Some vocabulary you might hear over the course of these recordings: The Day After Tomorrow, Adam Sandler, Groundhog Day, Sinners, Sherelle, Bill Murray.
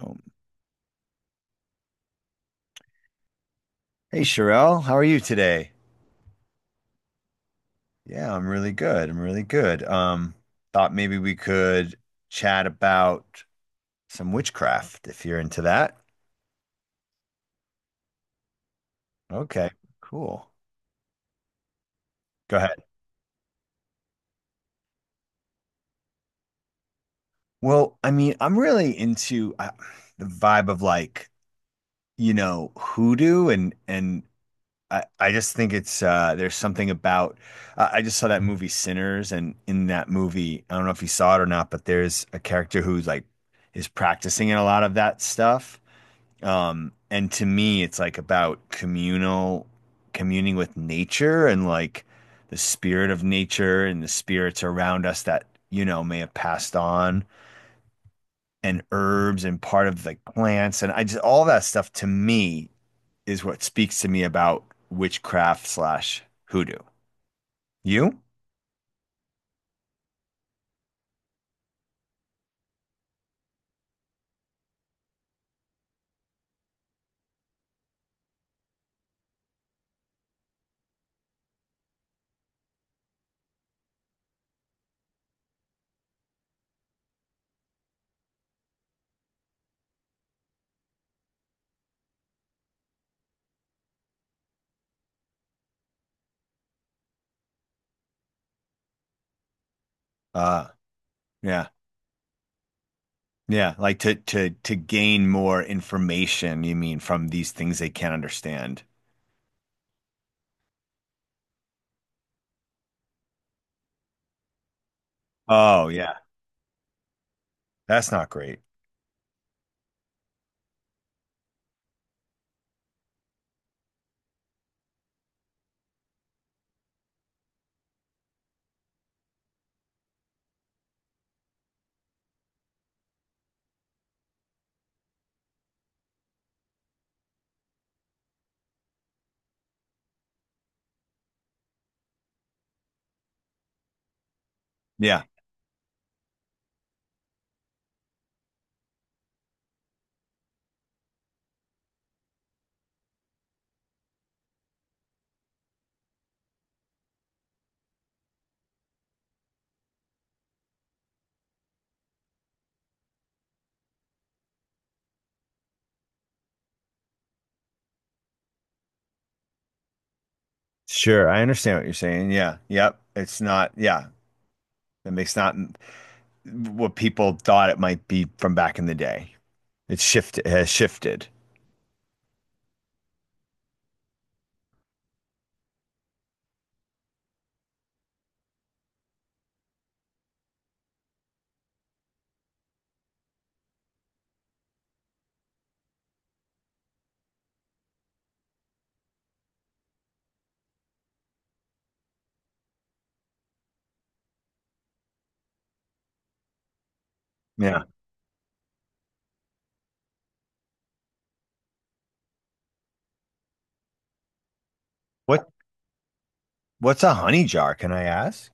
Oh, hey Sherelle, how are you today? Yeah, I'm really good. I'm really good. Thought maybe we could chat about some witchcraft if you're into that. Okay, cool. Go ahead. Well, I mean, I'm really into the vibe of, like, you know, hoodoo and I just think it's there's something about I just saw that movie Sinners, and in that movie, I don't know if you saw it or not, but there's a character who's like is practicing in a lot of that stuff. And to me, it's like about communal communing with nature and like the spirit of nature and the spirits around us that, you know, may have passed on, and herbs and part of like plants. And I just, all that stuff to me is what speaks to me about witchcraft slash hoodoo. You? Uh, yeah. Yeah, like to gain more information, you mean, from these things they can't understand. Oh, yeah. That's not great. Yeah. Sure, I understand what you're saying. Yeah, yep. It's not, yeah, it makes not what people thought it might be from back in the day. It's shifted, has shifted. Yeah. What what's a honey jar, can I ask?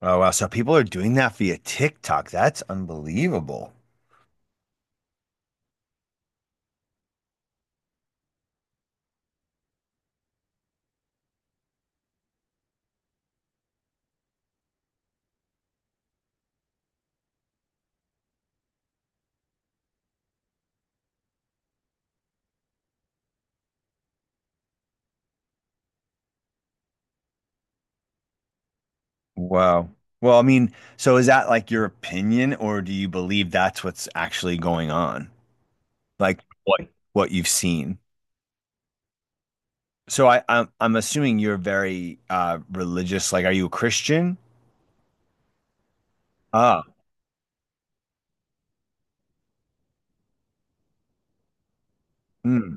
Oh wow, so people are doing that via TikTok. That's unbelievable. Wow. Well, I mean, so is that like your opinion, or do you believe that's what's actually going on? Like what what you've seen? So I'm assuming you're very religious. Like, are you a Christian? Ah, mm,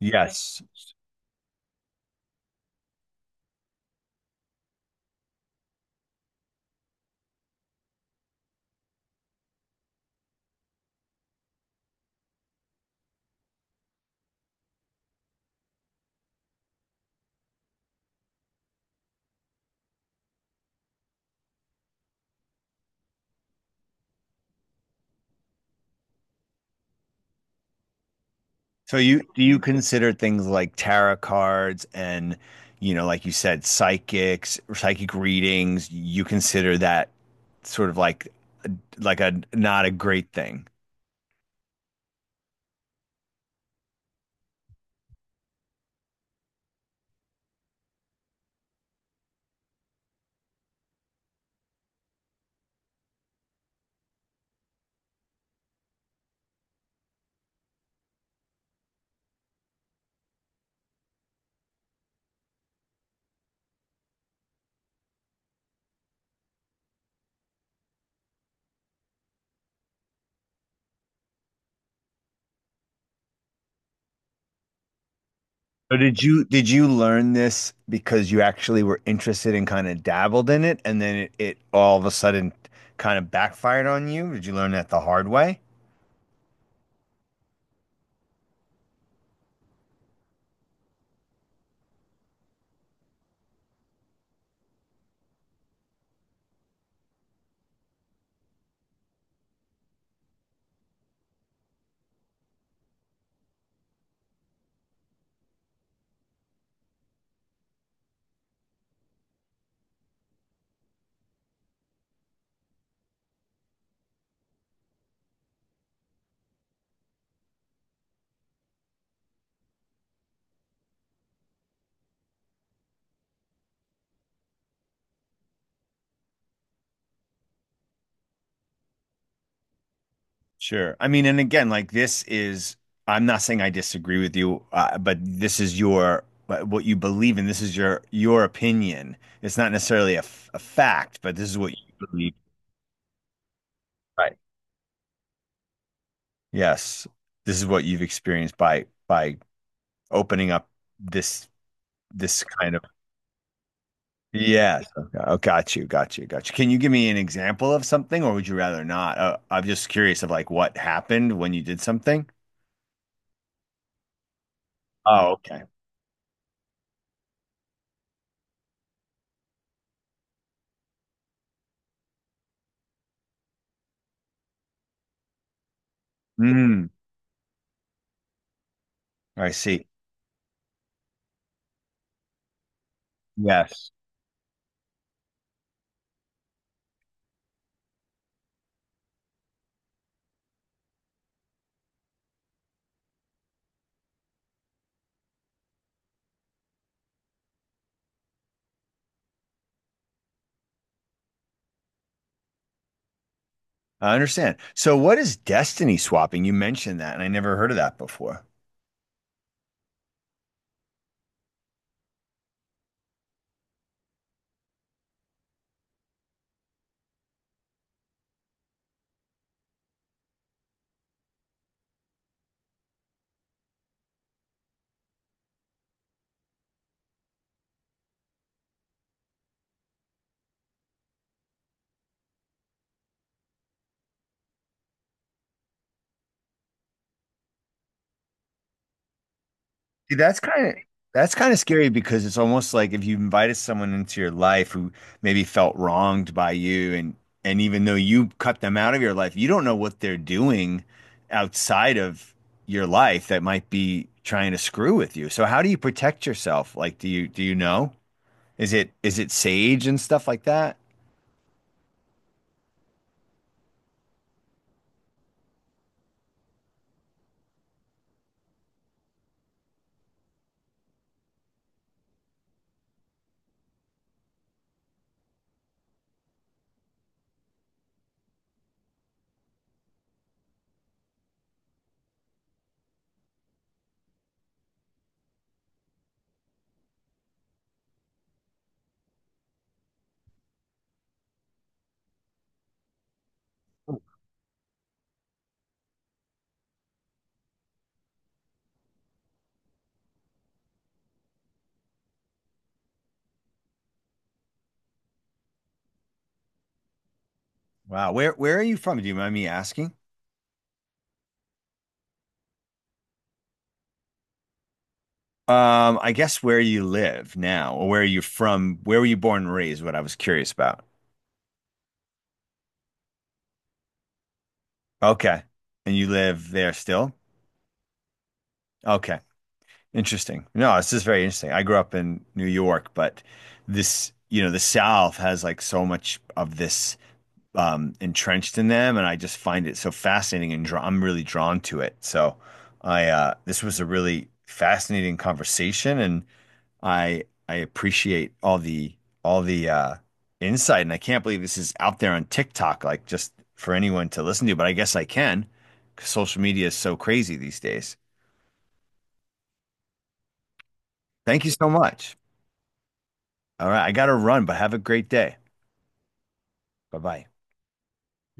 yes. So you do you consider things like tarot cards and, you know, like you said, psychics, psychic readings, you consider that sort of like a not a great thing. So did you learn this because you actually were interested and kind of dabbled in it, and then it all of a sudden kind of backfired on you? Did you learn that the hard way? Sure. I mean, and again, like this is, I'm not saying I disagree with you, but this is your, but what you believe in. This is your opinion. It's not necessarily a, a fact, but this is what you believe. Right. Yes. This is what you've experienced by opening up this, this kind of, yes. Okay. Oh, got you. Got you. Got you. Can you give me an example of something, or would you rather not? I'm just curious of like what happened when you did something. Oh, okay. Mm, I see. Yes. I understand. So what is destiny swapping? You mentioned that, and I never heard of that before. See, that's kind of scary because it's almost like if you invited someone into your life who maybe felt wronged by you, and even though you cut them out of your life, you don't know what they're doing outside of your life that might be trying to screw with you. So how do you protect yourself? Like do you know? Is it sage and stuff like that? Wow. Where are you from? Do you mind me asking? I guess where you live now, or where you're from, where were you born and raised, what I was curious about. Okay. And you live there still? Okay. Interesting. No, this is very interesting. I grew up in New York, but this, you know, the South has like so much of this entrenched in them, and I just find it so fascinating and draw I'm really drawn to it. So, I this was a really fascinating conversation, and I appreciate all the all the insight, and I can't believe this is out there on TikTok, like just for anyone to listen to. But I guess I can, because social media is so crazy these days. Thank you so much. All right. I got to run, but have a great day. Bye bye.